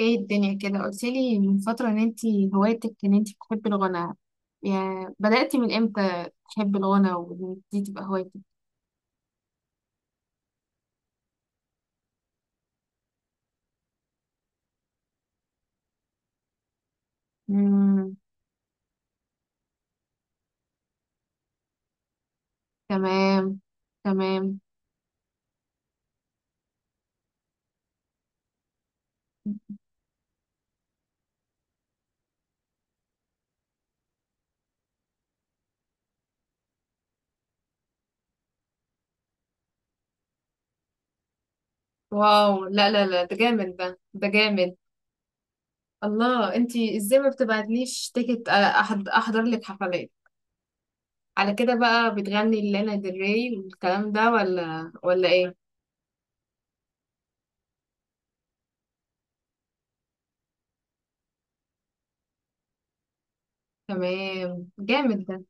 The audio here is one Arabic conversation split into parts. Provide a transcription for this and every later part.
ايه الدنيا كده؟ قلتلي من فترة ان انتي هوايتك ان انتي بتحبي الغنى، يعني بدأتي من امتى تحبي الغنى وان دي تبقى هوايتك؟ مم. تمام. تمام. واو! لا لا لا، ده جامد، ده جامد. الله! انتي ازاي ما بتبعتليش تيكت؟ احضر لك حفلات. على كده بقى بتغني لانا ديل ري والكلام ده ولا ايه؟ تمام. جامد ده.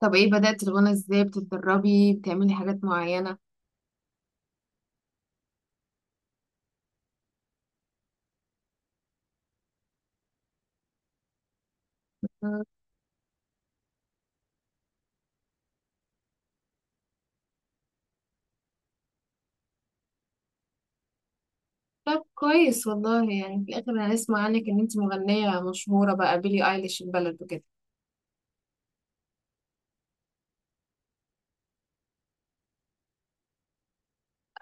طب ايه؟ بدأتي الغنى ازاي؟ بتتدربي؟ بتعملي حاجات معينة؟ طب كويس والله، يعني في الآخر هنسمع عنك إن أنت مغنية مشهورة بقى، بيلي أيليش البلد وكده.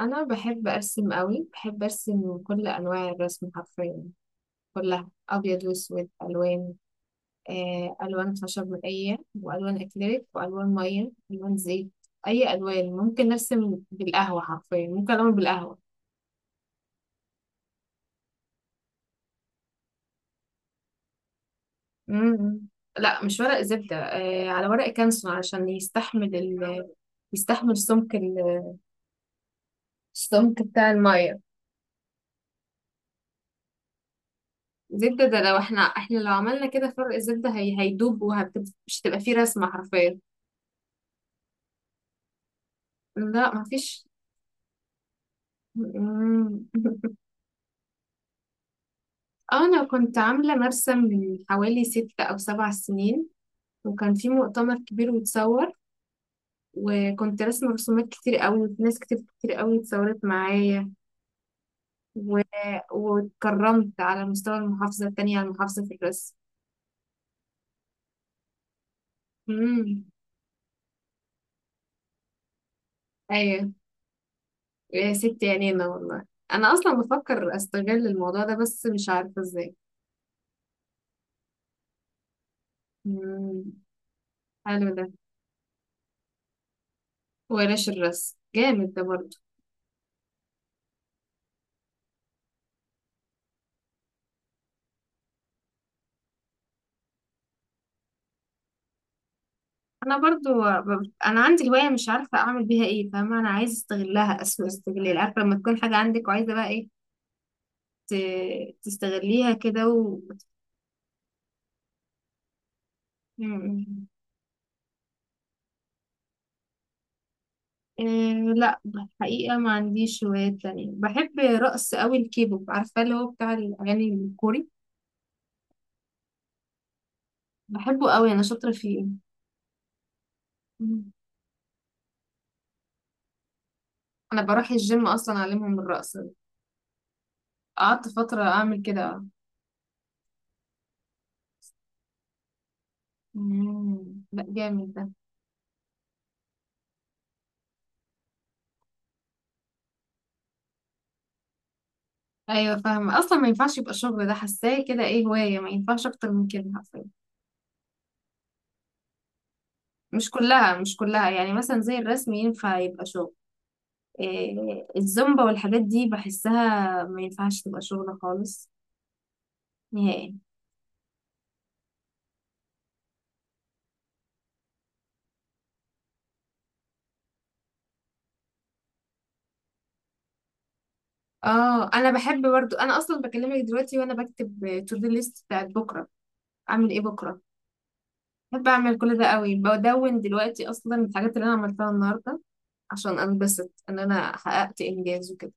أنا بحب أرسم قوي، بحب أرسم كل أنواع الرسم حرفيا. كلها أبيض وأسود، ألوان. ألوان خشب مائية، وألوان أكريليك، وألوان مية، ألوان زيت. أي ألوان. ممكن أرسم بالقهوة حرفيا، ممكن أعمل بالقهوة. امم. لا، مش ورق زبدة، على ورق كانسون علشان يستحمل ال يستحمل سمك السمك بتاع المية. زبدة ده لو احنا لو عملنا كده، فرق الزبدة هي هيدوب ومش هتبقى فيه رسمة حرفيا. لا، مفيش. مم. انا كنت عاملة مرسم من حوالي 6 أو 7 سنين، وكان في مؤتمر كبير واتصور. وكنت رسمة رسومات كتير قوي، وناس كتير كتير قوي اتصورت معايا. و... واتكرمت على مستوى المحافظة، التانية على المحافظة في الرسم. مم. ايوه. يا ست عينينا والله. انا اصلا بفكر استغل الموضوع ده، بس مش عارفة ازاي. مم. حلو ده. ورش الرسم جامد ده برضو. انا برضو انا عندي هوايه مش عارفه اعمل بيها ايه، فاهمه؟ انا عايزه استغلها اسوء استغلال، عارفه؟ لما تكون حاجه عندك وعايزه بقى ايه، تستغليها كده مم. إيه؟ لا، الحقيقه ما عنديش هوايات تانية. بحب رقص قوي، الكيبوب، عارفه؟ اللي هو بتاع الاغاني الكوري. بحبه قوي، انا شاطره فيه. مم. انا بروح الجيم اصلا اعلمهم الرقص. قعدت فتره اعمل كده. مم. لا، جامد ده. ايوه، فاهمه، اصلا ما ينفعش يبقى الشغل ده. حاساه كده ايه، هوايه ما ينفعش اكتر من كده حرفيا. مش كلها، يعني مثلا زي الرسم ينفع يبقى شغل. إيه الزومبا والحاجات دي، بحسها ما ينفعش تبقى شغل خالص. نهائي. اه، انا بحب برضو. انا اصلا بكلمك دلوقتي وانا بكتب تو دو ليست بتاعت بكره. اعمل ايه بكره؟ بحب اعمل كل ده قوي، بدون دلوقتي اصلا الحاجات اللي انا عملتها النهارده، عشان انبسط ان انا حققت انجاز وكده.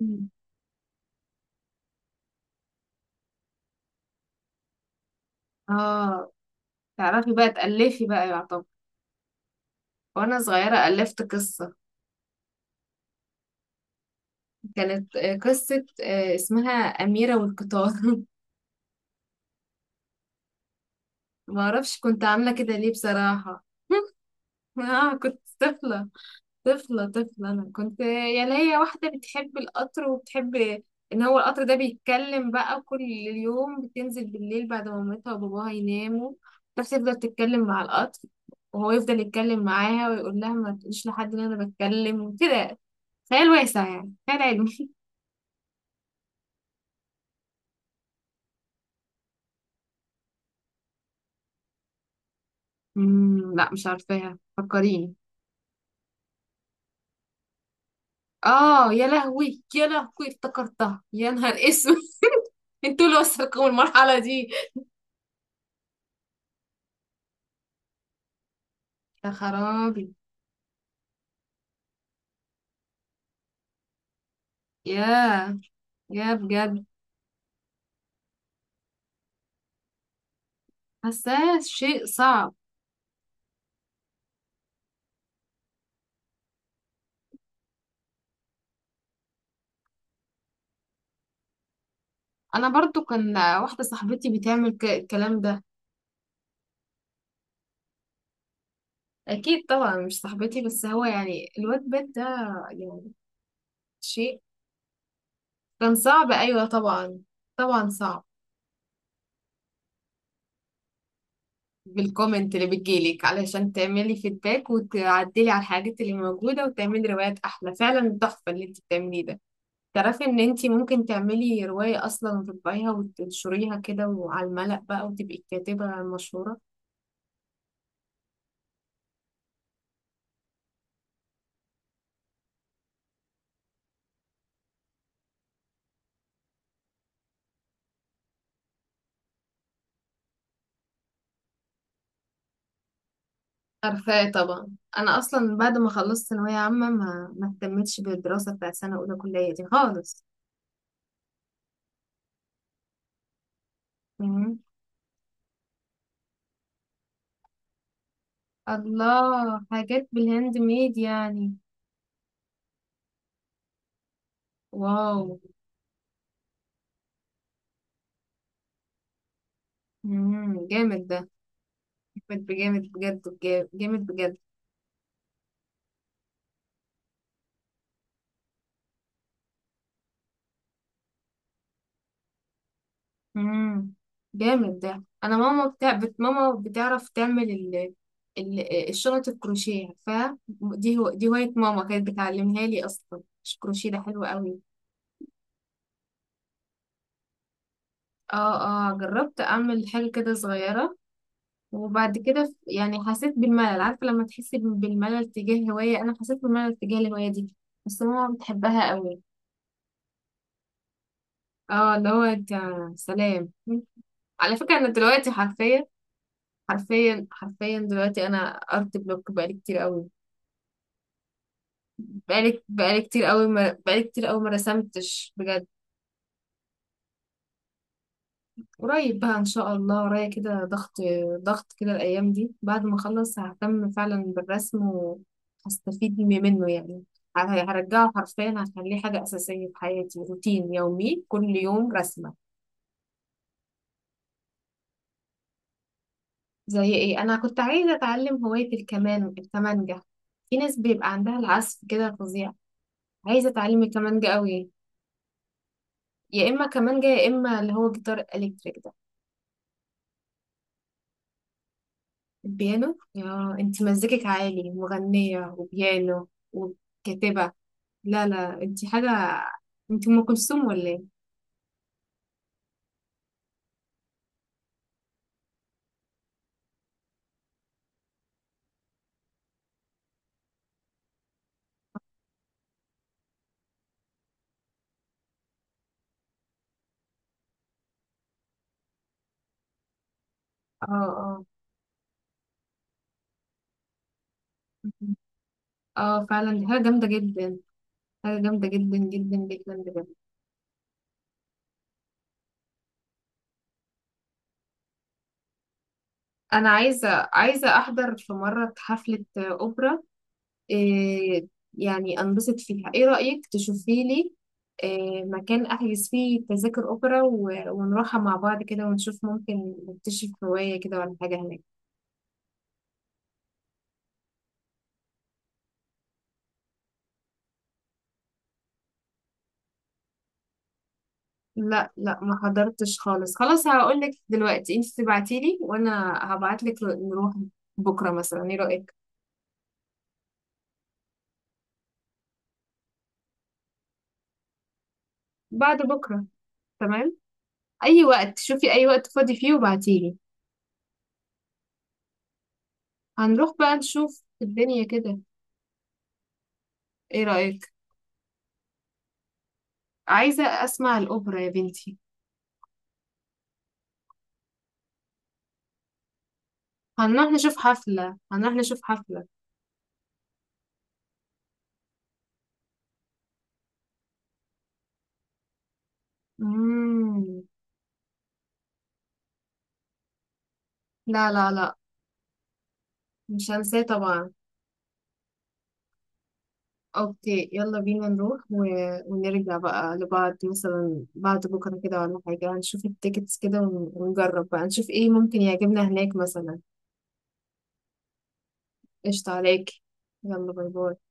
مم. اه. تعرفي بقى تألفي بقى يعتبر؟ وأنا صغيرة ألفت قصة. كانت قصة اسمها أميرة والقطار. معرفش كنت عاملة كده ليه بصراحة. كنت طفلة. طفلة طفلة، أنا كنت يعني هي واحدة بتحب القطر، وبتحب إن هو القطر ده بيتكلم. بقى كل يوم بتنزل بالليل بعد ما مامتها وباباها يناموا، بس تفضل تتكلم مع القطر، وهو يفضل يتكلم معاها ويقول لها ما تقوليش لحد إن أنا بتكلم وكده. خيال واسع، يعني خيال علمي. مم. لا، مش عارفاها، فكريني. اه! يا لهوي، يا لهوي، افتكرتها! يا نهار اسود! انتوا اللي وصلكم المرحلة دي؟ يا خرابي! يا يا بجد! حاساه شيء صعب. انا برضو كان واحدة صاحبتي بتعمل الكلام ده. اكيد طبعا، مش صاحبتي بس، هو يعني الواد بيت ده، يعني شيء. كان صعب، ايوه طبعا. طبعا صعب. بالكومنت اللي بتجيلك علشان تعملي فيدباك، وتعدلي على الحاجات اللي موجودة، وتعملي روايات أحلى. فعلا تحفة اللي انت بتعمليه ده. تعرفي ان انت ممكن تعملي رواية أصلا، وتطبعيها وتنشريها كده وعلى الملأ بقى، وتبقي الكاتبة المشهورة. عارفاه طبعا. أنا أصلا بعد ما خلصت ثانوية عامة ما اهتمتش بالدراسة بتاع سنة أولى كلية دي خالص. مم. الله، حاجات بالهاند ميد يعني؟ واو! مم. جامد ده. جامد بجامد، بجد. جامد بجد. امم. جامد ده. انا ماما ماما بتعرف تعمل الشنط الكروشيه، عارفاها دي؟ دي هوايه ماما كانت بتعلمها لي اصلا. مش الكروشيه ده حلو قوي؟ اه، اه، جربت اعمل حاجه كده صغيره. وبعد كده يعني حسيت بالملل. عارفه لما تحسي بالملل تجاه هوايه، انا حسيت بالملل تجاه الهوايه دي. بس ماما بتحبها قوي. اه، اللي هو انت. سلام. على فكره انا دلوقتي حرفيا، حرفيا حرفيا دلوقتي انا ارت بلوك بقالي كتير قوي. بقالي كتير قوي، ما بقالي كتير قوي ما رسمتش بجد. قريب بقى ان شاء الله، ورايا كده ضغط. ضغط كده الايام دي، بعد ما اخلص ههتم فعلا بالرسم وهستفيد منه يعني. ه- هرجعه حرفيا، هخليه حاجة أساسية في حياتي، روتين يومي، كل يوم رسمة. زي إيه؟ أنا كنت عايزة أتعلم هواية الكمان، الكمانجة. في ناس بيبقى عندها العزف كده فظيع. عايزة أتعلم الكمانجة قوي. يا إما كمانجة، يا إما اللي هو جيتار إلكتريك ده. البيانو؟ يا انت مزيكك عالي، مغنية وبيانو وكاتبة. لا لا، انت حاجة. انت ام كلثوم ولا ايه؟ اه، اه، اه، فعلا دي حاجة جامدة جدا. حاجة جامدة جدا جدا جدا، بجد. انا عايزة احضر في مرة حفلة اوبرا. إيه. يعني انبسط فيها. ايه رأيك تشوفي لي إيه مكان احجز فيه تذاكر اوبرا، ونروحها مع بعض كده ونشوف ممكن نكتشف هواية كده ولا حاجة هناك؟ لا، لا، ما حضرتش خالص. خلاص هقول لك دلوقتي، انت تبعتي لي وانا هبعت لك، نروح. بكره مثلا، ايه رايك؟ بعد بكره. تمام. اي وقت، شوفي اي وقت فاضي فيه وبعتي لي. هنروح بقى نشوف الدنيا كده. ايه رايك؟ عايزه اسمع الاوبرا يا بنتي. هنروح نشوف حفله، هنروح نشوف حفله. امم. لا، لا، لا، مش هنساه طبعا. اوكي، يلا بينا نروح ونرجع بقى لبعض مثلا بعد بكرة كده ولا حاجة، نشوف التيكتس كده ونجرب بقى نشوف ايه ممكن يعجبنا هناك مثلا. قشطة عليك. يلا، باي باي.